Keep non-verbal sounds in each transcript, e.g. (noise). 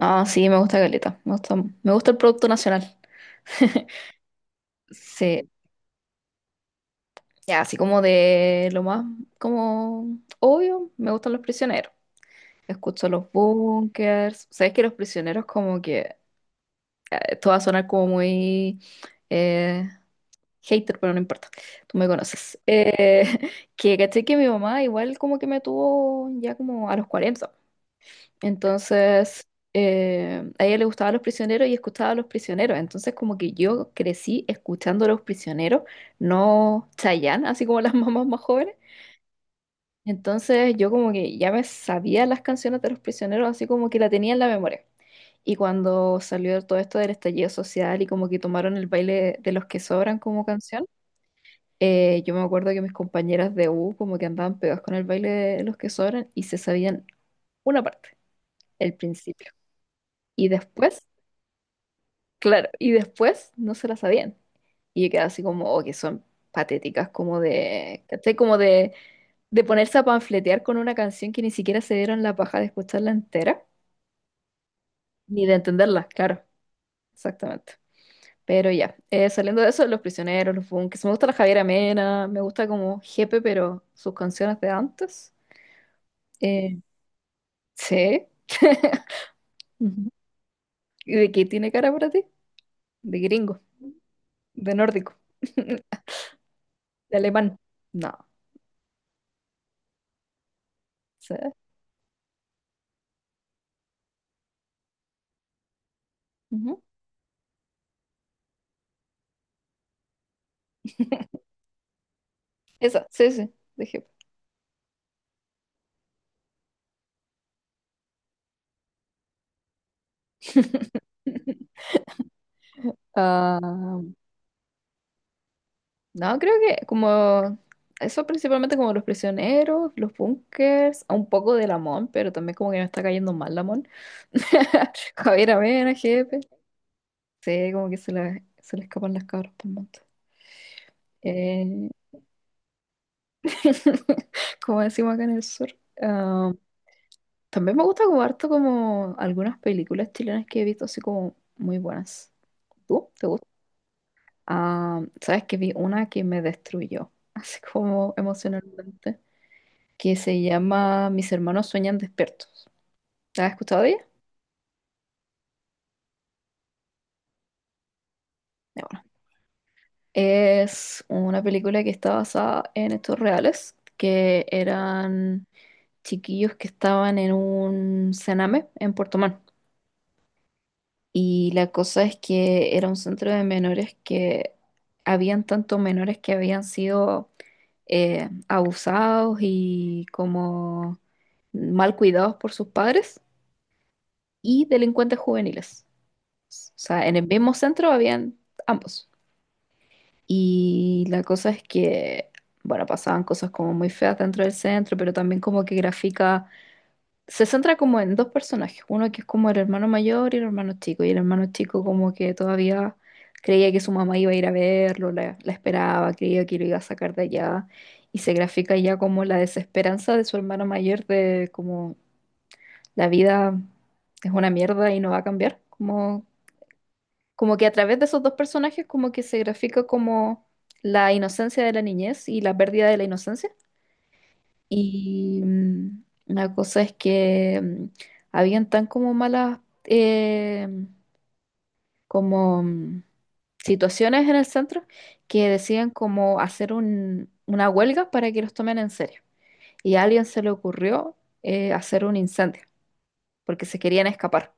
Ah, sí, me gusta caleta. Me gusta el producto nacional. (laughs) Sí, ya, así como de lo más como obvio, me gustan los prisioneros. Escucho los bunkers. Sabes que los prisioneros como que esto va a sonar como muy eh, hater, pero no importa. Tú me conoces. (laughs) Que caché que mi mamá igual como que me tuvo ya como a los 40. Entonces, a ella le gustaban los prisioneros y escuchaba a los prisioneros. Entonces, como que yo crecí escuchando a los prisioneros, no Chayanne, así como las (laughs) mamás más jóvenes. Entonces, yo como que ya me sabía las canciones de los prisioneros, así como que la tenía en la memoria. Y cuando salió todo esto del estallido social y como que tomaron el baile de los que sobran como canción, yo me acuerdo que mis compañeras de U como que andaban pegadas con el baile de los que sobran y se sabían una parte, el principio. Y después Claro, y después no se la sabían. Y yo quedaba así como, oh, que son patéticas, como de, ¿cachai? Como de ponerse a panfletear con una canción que ni siquiera se dieron la paja de escucharla entera, ni de entenderla, claro, exactamente. Pero ya, saliendo de eso, Los Prisioneros, Los Bunkers, me gusta la Javiera Mena, me gusta como Jepe, pero sus canciones de antes. Eh, sí. (laughs) Ujú. ¿Y de qué tiene cara para ti? De gringo, de nórdico, (laughs) de alemán. No, sí. Ujú. Esa, sí, sí, dije. (laughs) Ah, no, creo que como eso principalmente como los prisioneros, los bunkers, un poco de Lamón, pero también como que me está cayendo mal Lamón. (laughs) Javier Avena, jefe. Sí, como que se le escapan las cabras por el monte. Eh, (laughs) Como decimos acá en el sur. Ah, también me gusta como harto como algunas películas chilenas que he visto así como muy buenas. ¿Tú? ¿Te gusta? Ah, ¿sabes que vi una que me destruyó, (laughs) así como emocionalmente, que se llama Mis hermanos sueñan despiertos? ¿La has escuchado de ella? Ya, bueno. Es una película que está basada en hechos reales, que eran chiquillos que estaban en un cename en Puerto Montt. Y la cosa es que era un centro de menores que habían tantos menores que habían sido abusados y como mal cuidados por sus padres y delincuentes juveniles. O sea, en el mismo centro habían ambos. Y la cosa es que, bueno, pasaban cosas como muy feas dentro del centro, pero también como que grafica se centra como en dos personajes, uno que es como el hermano mayor y el hermano chico, y el hermano chico como que todavía creía que su mamá iba a ir a verlo, la esperaba, creía que lo iba a sacar de allá, y se grafica ya como la desesperanza de su hermano mayor de como la vida es una mierda y no va a cambiar, como, como que a través de esos dos personajes como que se grafica como la inocencia de la niñez y la pérdida de la inocencia. Y la cosa es que habían tan como malas como situaciones en el centro que decían como hacer una huelga para que los tomen en serio. Y a alguien se le ocurrió hacer un incendio porque se querían escapar.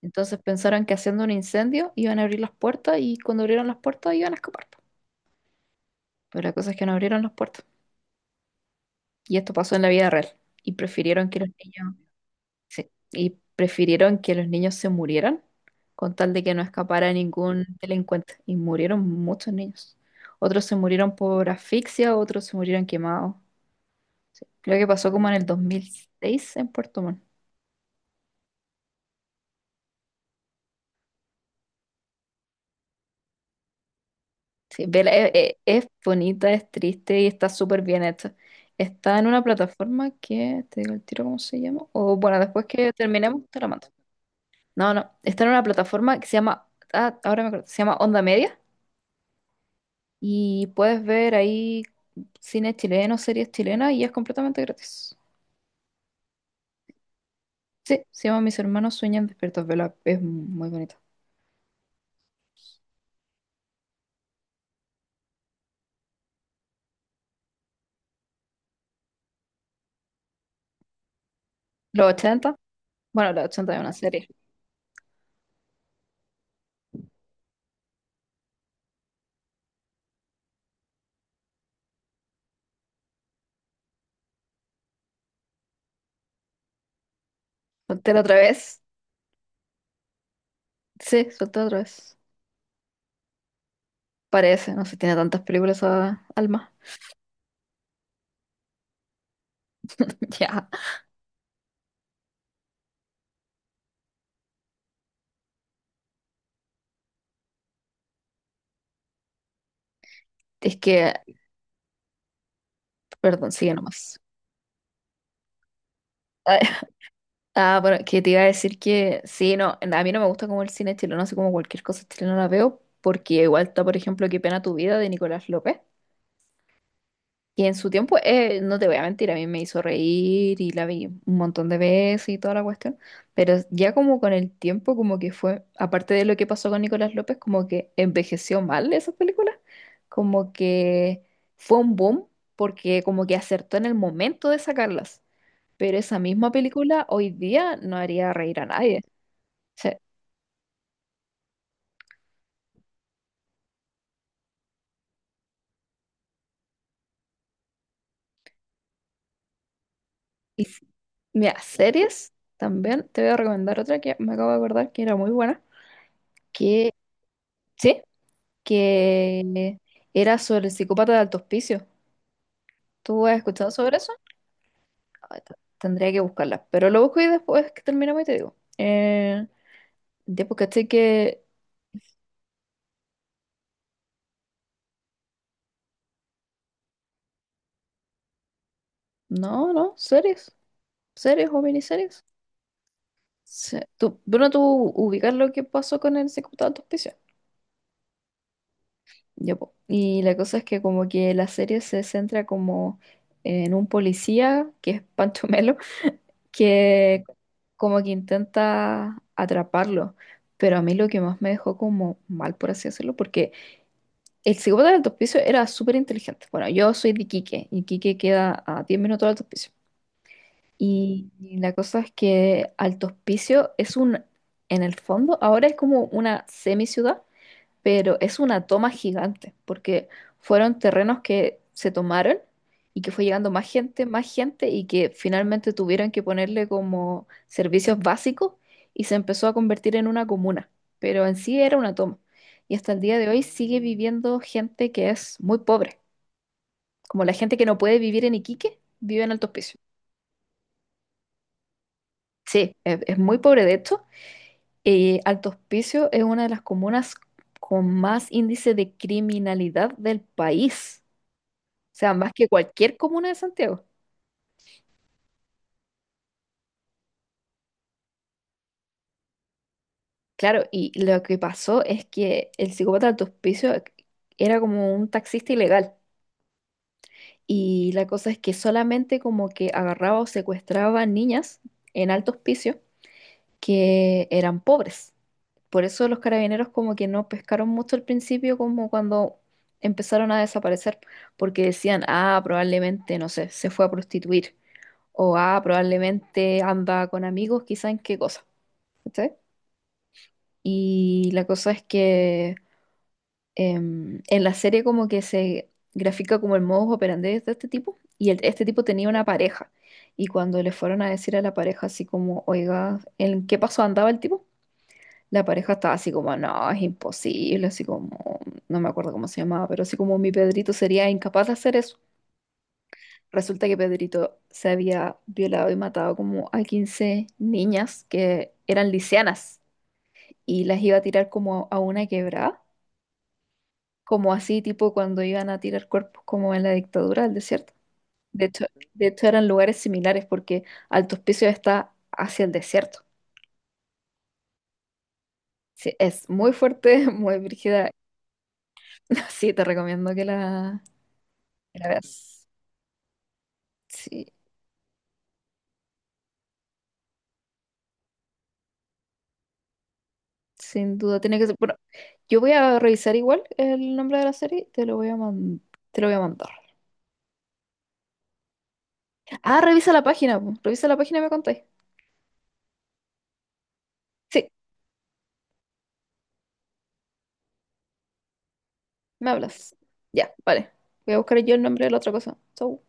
Entonces pensaron que haciendo un incendio iban a abrir las puertas y cuando abrieron las puertas iban a escapar. Po. Pero la cosa es que no abrieron las puertas. Y esto pasó en la vida real. Y prefirieron que los niños Sí, y prefirieron que los niños se murieran con tal de que no escapara ningún delincuente. Y murieron muchos niños. Otros se murieron por asfixia, otros se murieron quemados. Sí, creo que pasó como en el 2006 en Puerto Montt. Sí, vela, es, bonita, es triste y está súper bien hecha. Está en una plataforma que, te digo el tiro cómo se llama, o bueno, después que terminemos te la mando. No, no, está en una plataforma que se llama, ah, ahora me acuerdo, se llama Onda Media y puedes ver ahí cine chileno, series chilenas y es completamente gratis. Sí, se llama Mis hermanos sueñan despiertos, vela, es muy bonito. Los ochenta, bueno, los ochenta es una serie. Soltera otra vez. Sí, soltera otra vez. Parece, no sé, tiene tantas películas a alma. (laughs) Ya. Es que, perdón, sigue nomás. (laughs) Ah, bueno, que te iba a decir que sí, no, a mí no me gusta como el cine chileno, así como cualquier cosa chilena la veo, porque igual está, por ejemplo, Qué pena tu vida de Nicolás López, y en su tiempo, no te voy a mentir, a mí me hizo reír y la vi un montón de veces y toda la cuestión, pero ya como con el tiempo, como que fue, aparte de lo que pasó con Nicolás López, como que envejeció mal esas películas, como que fue un boom, porque como que acertó en el momento de sacarlas, pero esa misma película hoy día no haría reír a nadie. Sí. Y mira, series también. Te voy a recomendar otra que me acabo de acordar que era muy buena. Que, sí, que era sobre el psicópata de Alto Hospicio. ¿Tú has escuchado sobre eso? Ah, tendría que buscarla. Pero lo busco y después que terminemos y te digo. Ya porque estoy que. No, no, series. Series o miniseries. Sí. Tú, bueno, tú ubicas lo que pasó con el psicópata de Alto Hospicio. Ya, po. Y la cosa es que como que la serie se centra como en un policía, que es Pancho (laughs) Melo, que como que intenta atraparlo. Pero a mí lo que más me dejó como mal, por así decirlo, porque el psicópata del alto piso era súper inteligente. Bueno, yo soy de Iquique, y Iquique queda a 10 minutos de alto piso. Y la cosa es que Alto Hospicio es un, en el fondo, ahora es como una semi ciudad, pero es una toma gigante, porque fueron terrenos que se tomaron y que fue llegando más gente, y que finalmente tuvieron que ponerle como servicios básicos y se empezó a convertir en una comuna, pero en sí era una toma. Y hasta el día de hoy sigue viviendo gente que es muy pobre, como la gente que no puede vivir en Iquique, vive en Alto Hospicio. Sí, es muy pobre de hecho. Y Alto Hospicio es una de las comunas con más índice de criminalidad del país. Sea, más que cualquier comuna de Santiago. Claro, y lo que pasó es que el psicópata de Hospicio era como un taxista ilegal. Y la cosa es que solamente como que agarraba o secuestraba niñas en alto hospicio que eran pobres. Por eso los carabineros como que no pescaron mucho al principio, como cuando empezaron a desaparecer, porque decían, ah, probablemente, no sé, se fue a prostituir, o ah, probablemente anda con amigos, quizá en qué cosa. ¿Cachai? Y la cosa es que en la serie como que se grafica como el modus operandi de este tipo y este tipo tenía una pareja. Y cuando le fueron a decir a la pareja así como, oiga, ¿en qué paso andaba el tipo? La pareja estaba así como, no, es imposible, así como, no me acuerdo cómo se llamaba, pero así como mi Pedrito sería incapaz de hacer eso. Resulta que Pedrito se había violado y matado como a 15 niñas que eran lisianas y las iba a tirar como a una quebrada. Como así, tipo cuando iban a tirar cuerpos como en la dictadura del desierto. De hecho, de hecho, eran lugares similares porque Alto Hospicio está hacia el desierto. Sí, es muy fuerte, (laughs) muy brígida. (laughs) Sí, te recomiendo que la, veas. Sí, sin duda tiene que ser. Bueno, yo voy a revisar igual el nombre de la serie, te lo voy a mandar. Ah, revisa la página, po. Revisa la página y me contáis. Sí, me hablas. Ya, vale. Voy a buscar yo el nombre de la otra cosa. Chau.